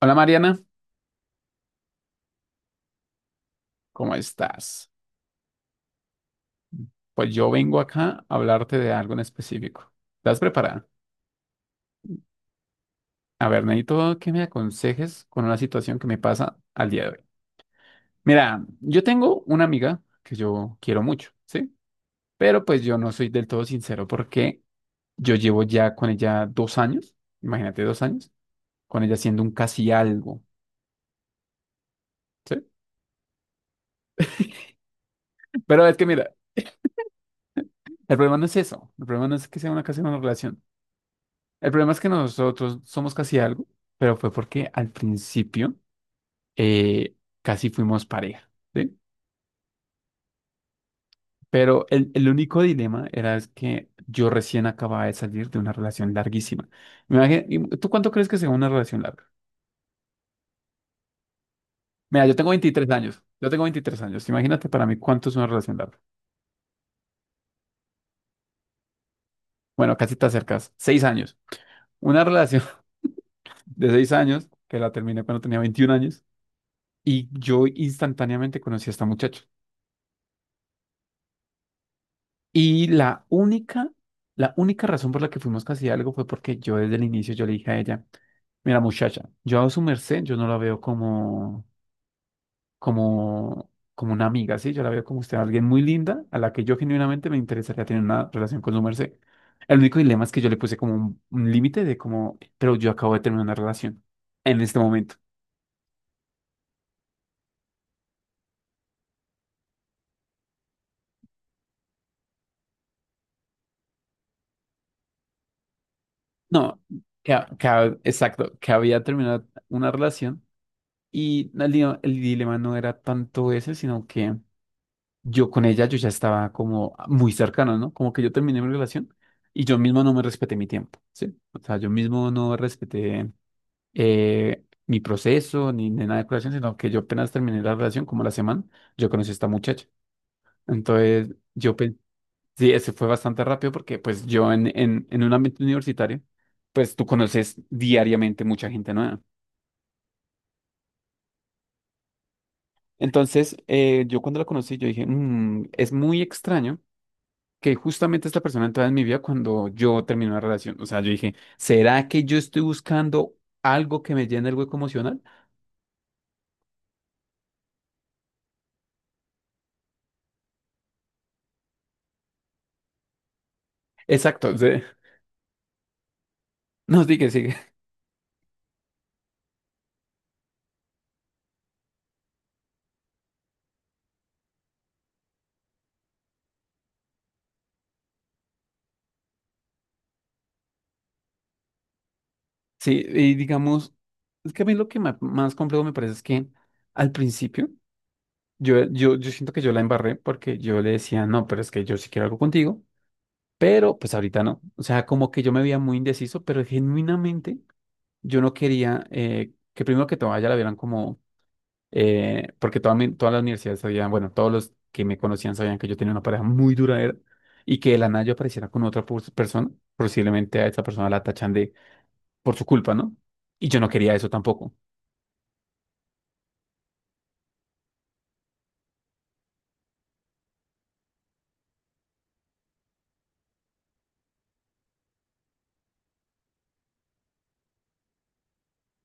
Hola Mariana, ¿cómo estás? Pues yo vengo acá a hablarte de algo en específico. ¿Estás preparada? A ver, necesito que me aconsejes con una situación que me pasa al día de hoy. Mira, yo tengo una amiga que yo quiero mucho, ¿sí? Pero pues yo no soy del todo sincero porque yo llevo ya con ella 2 años, imagínate 2 años, con ella siendo un casi algo, ¿sí? Pero es que mira, el problema no es eso, el problema no es que sea una casi una relación, el problema es que nosotros somos casi algo, pero fue porque al principio... eh, casi fuimos pareja, ¿sí? Pero el único dilema era es que yo recién acababa de salir de una relación larguísima. ¿Y tú cuánto crees que sea una relación larga? Mira, yo tengo 23 años, yo tengo 23 años, imagínate para mí cuánto es una relación larga. Bueno, casi te acercas, 6 años. Una relación de 6 años, que la terminé cuando tenía 21 años, y yo instantáneamente conocí a esta muchacha. Y la única razón por la que fuimos casi algo fue porque yo desde el inicio yo le dije a ella, mira muchacha, yo a su merced, yo no la veo como, como una amiga, ¿sí? Yo la veo como usted, alguien muy linda a la que yo genuinamente me interesaría tener una relación con su merced. El único dilema es que yo le puse como un límite de como, pero yo acabo de terminar una relación en este momento. No, exacto, que había terminado una relación y el dilema no era tanto ese, sino que... yo con ella yo ya estaba como muy cercano, ¿no? Como que yo terminé mi relación y yo mismo no me respeté mi tiempo, ¿sí? O sea, yo mismo no respeté mi proceso ni nada de relación, sino que yo apenas terminé la relación, como la semana, yo conocí a esta muchacha. Entonces, yo pensé, sí, ese fue bastante rápido porque pues yo en un ambiente universitario, pues tú conoces diariamente mucha gente nueva. Entonces, yo cuando la conocí, yo dije, "Mm, es muy extraño que justamente esta persona entraba en mi vida cuando yo terminé una relación. O sea, yo dije, ¿será que yo estoy buscando algo que me llene el hueco emocional? Exacto. o No, sigue, sigue. Sí, y digamos, es que a mí lo que más complejo me parece es que al principio yo siento que yo la embarré porque yo le decía, no, pero es que yo sí quiero algo contigo, pero pues ahorita no. O sea, como que yo me veía muy indeciso, pero genuinamente yo no quería que primero que todo a ella la vieran como porque toda todas las universidades sabían, bueno, todos los que me conocían sabían que yo tenía una pareja muy duradera y que de la nada yo apareciera con otra persona, posiblemente a esa persona la tachan de por su culpa, ¿no? Y yo no quería eso tampoco.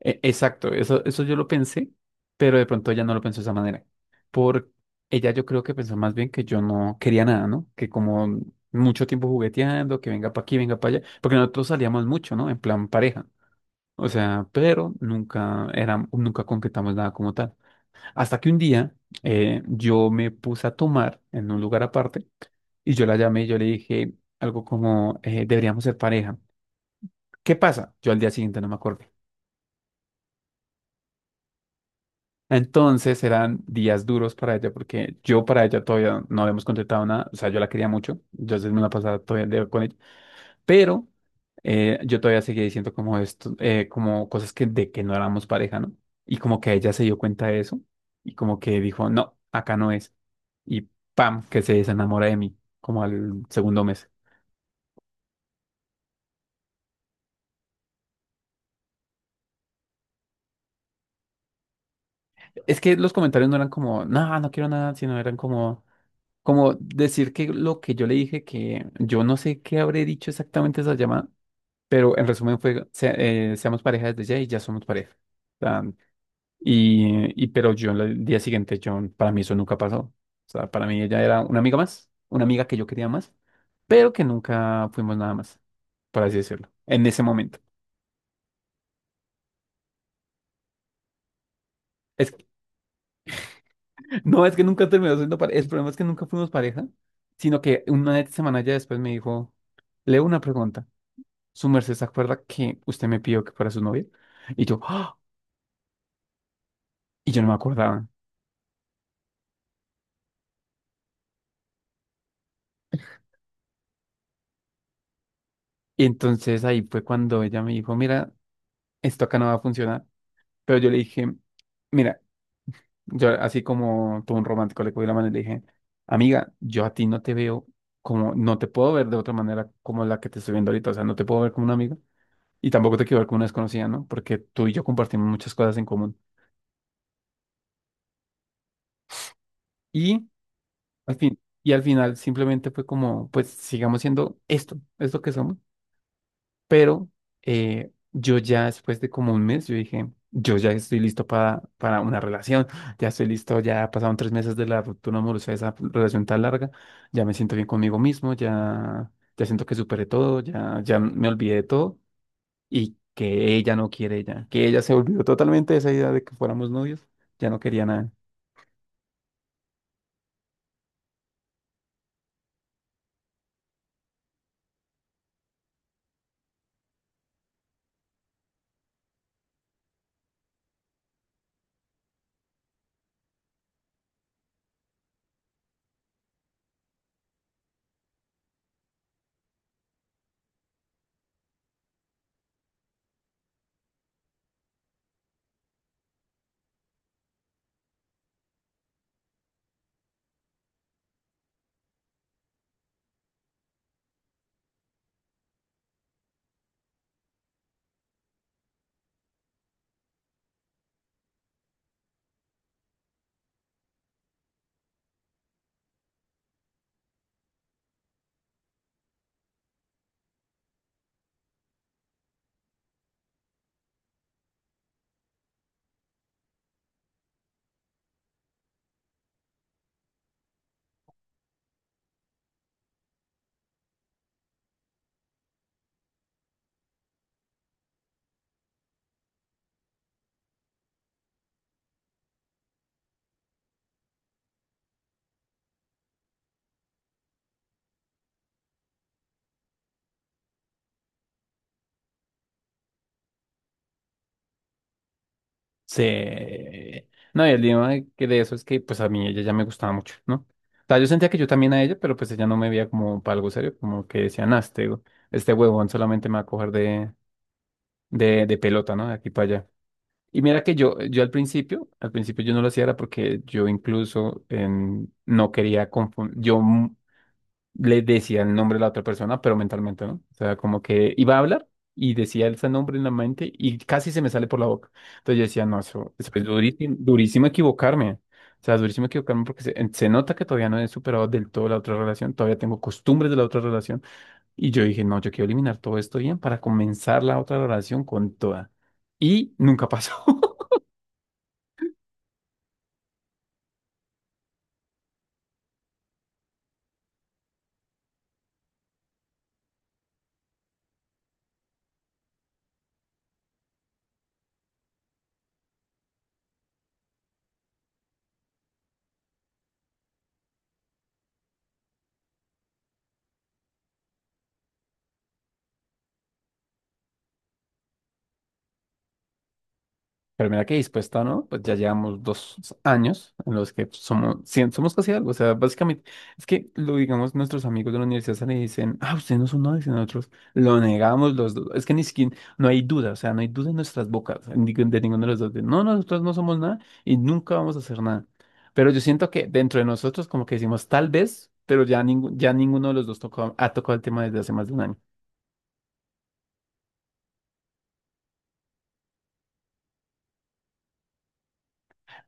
Exacto, eso, eso yo lo pensé, pero de pronto ella no lo pensó de esa manera. Por ella yo creo que pensó más bien que yo no quería nada, ¿no? Que como mucho tiempo jugueteando, que venga para aquí, venga para allá, porque nosotros salíamos mucho, ¿no? En plan pareja. O sea, pero nunca era, nunca concretamos nada como tal. Hasta que un día yo me puse a tomar en un lugar aparte y yo la llamé y yo le dije algo como, deberíamos ser pareja. ¿Qué pasa? Yo al día siguiente no me acuerdo. Entonces eran días duros para ella porque yo para ella todavía no habíamos contratado nada, o sea, yo la quería mucho, yo me la pasaba todavía con ella, pero yo todavía seguía diciendo como esto, como cosas que de que no éramos pareja, ¿no? Y como que ella se dio cuenta de eso y como que dijo, no, acá no es. Y pam, que se desenamora de mí, como al segundo mes. Es que los comentarios no eran como, no, no quiero nada, sino eran como... como decir que lo que yo le dije, que yo no sé qué habré dicho exactamente esa llamada, pero en resumen fue, seamos pareja desde ya y ya somos pareja. O sea, y pero yo el día siguiente, yo, para mí eso nunca pasó. O sea, para mí ella era una amiga más, una amiga que yo quería más, pero que nunca fuimos nada más, por así decirlo, en ese momento. Es que- no es que nunca terminó siendo pareja, el problema es que nunca fuimos pareja, sino que una semana ya después me dijo, leo una pregunta. Su merced se acuerda que usted me pidió que fuera su novia. Y yo, ¡ah! Y yo no me acordaba. Y entonces ahí fue cuando ella me dijo, mira, esto acá no va a funcionar. Pero yo le dije, mira, yo así como todo un romántico le cogí la mano y le dije, amiga, yo a ti no te veo como, no te puedo ver de otra manera como la que te estoy viendo ahorita. O sea, no te puedo ver como una amiga. Y tampoco te quiero ver como una desconocida, ¿no? Porque tú y yo compartimos muchas cosas en común. Y al fin, y al final simplemente fue como, pues sigamos siendo esto, esto que somos. Pero yo ya después de como un mes, yo dije, yo ya estoy listo para una relación, ya estoy listo, ya pasaron 3 meses de la ruptura amorosa, de esa relación tan larga, ya me siento bien conmigo mismo, ya, ya siento que superé todo, ya, ya me olvidé de todo y que ella no quiere ya, que ella se olvidó totalmente de esa idea de que fuéramos novios, ya no quería nada. Sí. No, y el tema de que de eso es que pues a mí ella ya me gustaba mucho, ¿no? O sea, yo sentía que yo también a ella, pero pues ella no me veía como para algo serio, como que decía, nah, este huevón solamente me va a coger de pelota, ¿no? De aquí para allá. Y mira que yo al principio yo no lo hacía era porque yo incluso no quería confundir, yo le decía el nombre de la otra persona, pero mentalmente, ¿no? O sea, como que iba a hablar y decía ese nombre en la mente y casi se me sale por la boca. Entonces yo decía, no, eso es pues, durísimo, durísimo equivocarme. O sea, durísimo equivocarme porque se nota que todavía no he superado del todo la otra relación, todavía tengo costumbres de la otra relación. Y yo dije, no, yo quiero eliminar todo esto bien para comenzar la otra relación con toda. Y nunca pasó. Pero mira qué dispuesta, ¿no? Pues ya llevamos 2 años en los que somos, sí, somos casi algo. O sea, básicamente, es que lo digamos, nuestros amigos de la universidad salen y dicen, ah, ustedes no son nada, y nosotros, lo negamos los dos. Es que ni siquiera, no hay duda, o sea, no hay duda en nuestras bocas, en de ninguno de los dos. De, no, nosotros no somos nada y nunca vamos a hacer nada. Pero yo siento que dentro de nosotros como que decimos, tal vez, pero ya, ya ninguno de los dos tocó, ha tocado el tema desde hace más de un año.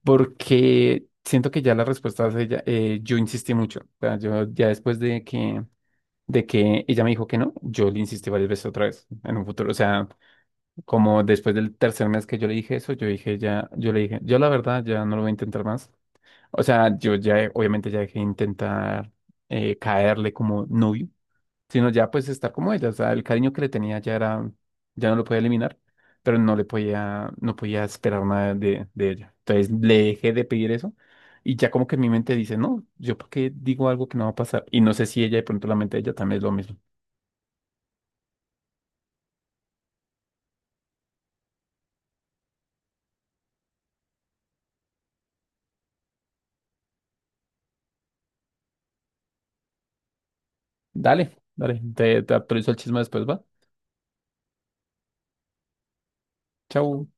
Porque siento que ya la respuesta es ella, yo insistí mucho. O sea, yo ya después de que ella me dijo que no, yo le insistí varias veces otra vez en un futuro. O sea, como después del tercer mes que yo le dije eso, yo dije ya, yo le dije, yo la verdad ya no lo voy a intentar más. O sea, yo ya, obviamente ya dejé de intentar caerle como novio sino ya pues estar como ella, o sea, el cariño que le tenía ya era, ya no lo podía eliminar, pero no le podía, no podía esperar nada de ella. Entonces le dejé de pedir eso y ya como que en mi mente dice, no, yo por qué digo algo que no va a pasar y no sé si ella de pronto la mente de ella también es lo mismo. Dale, dale, te actualizo el chisme después, va. Chau.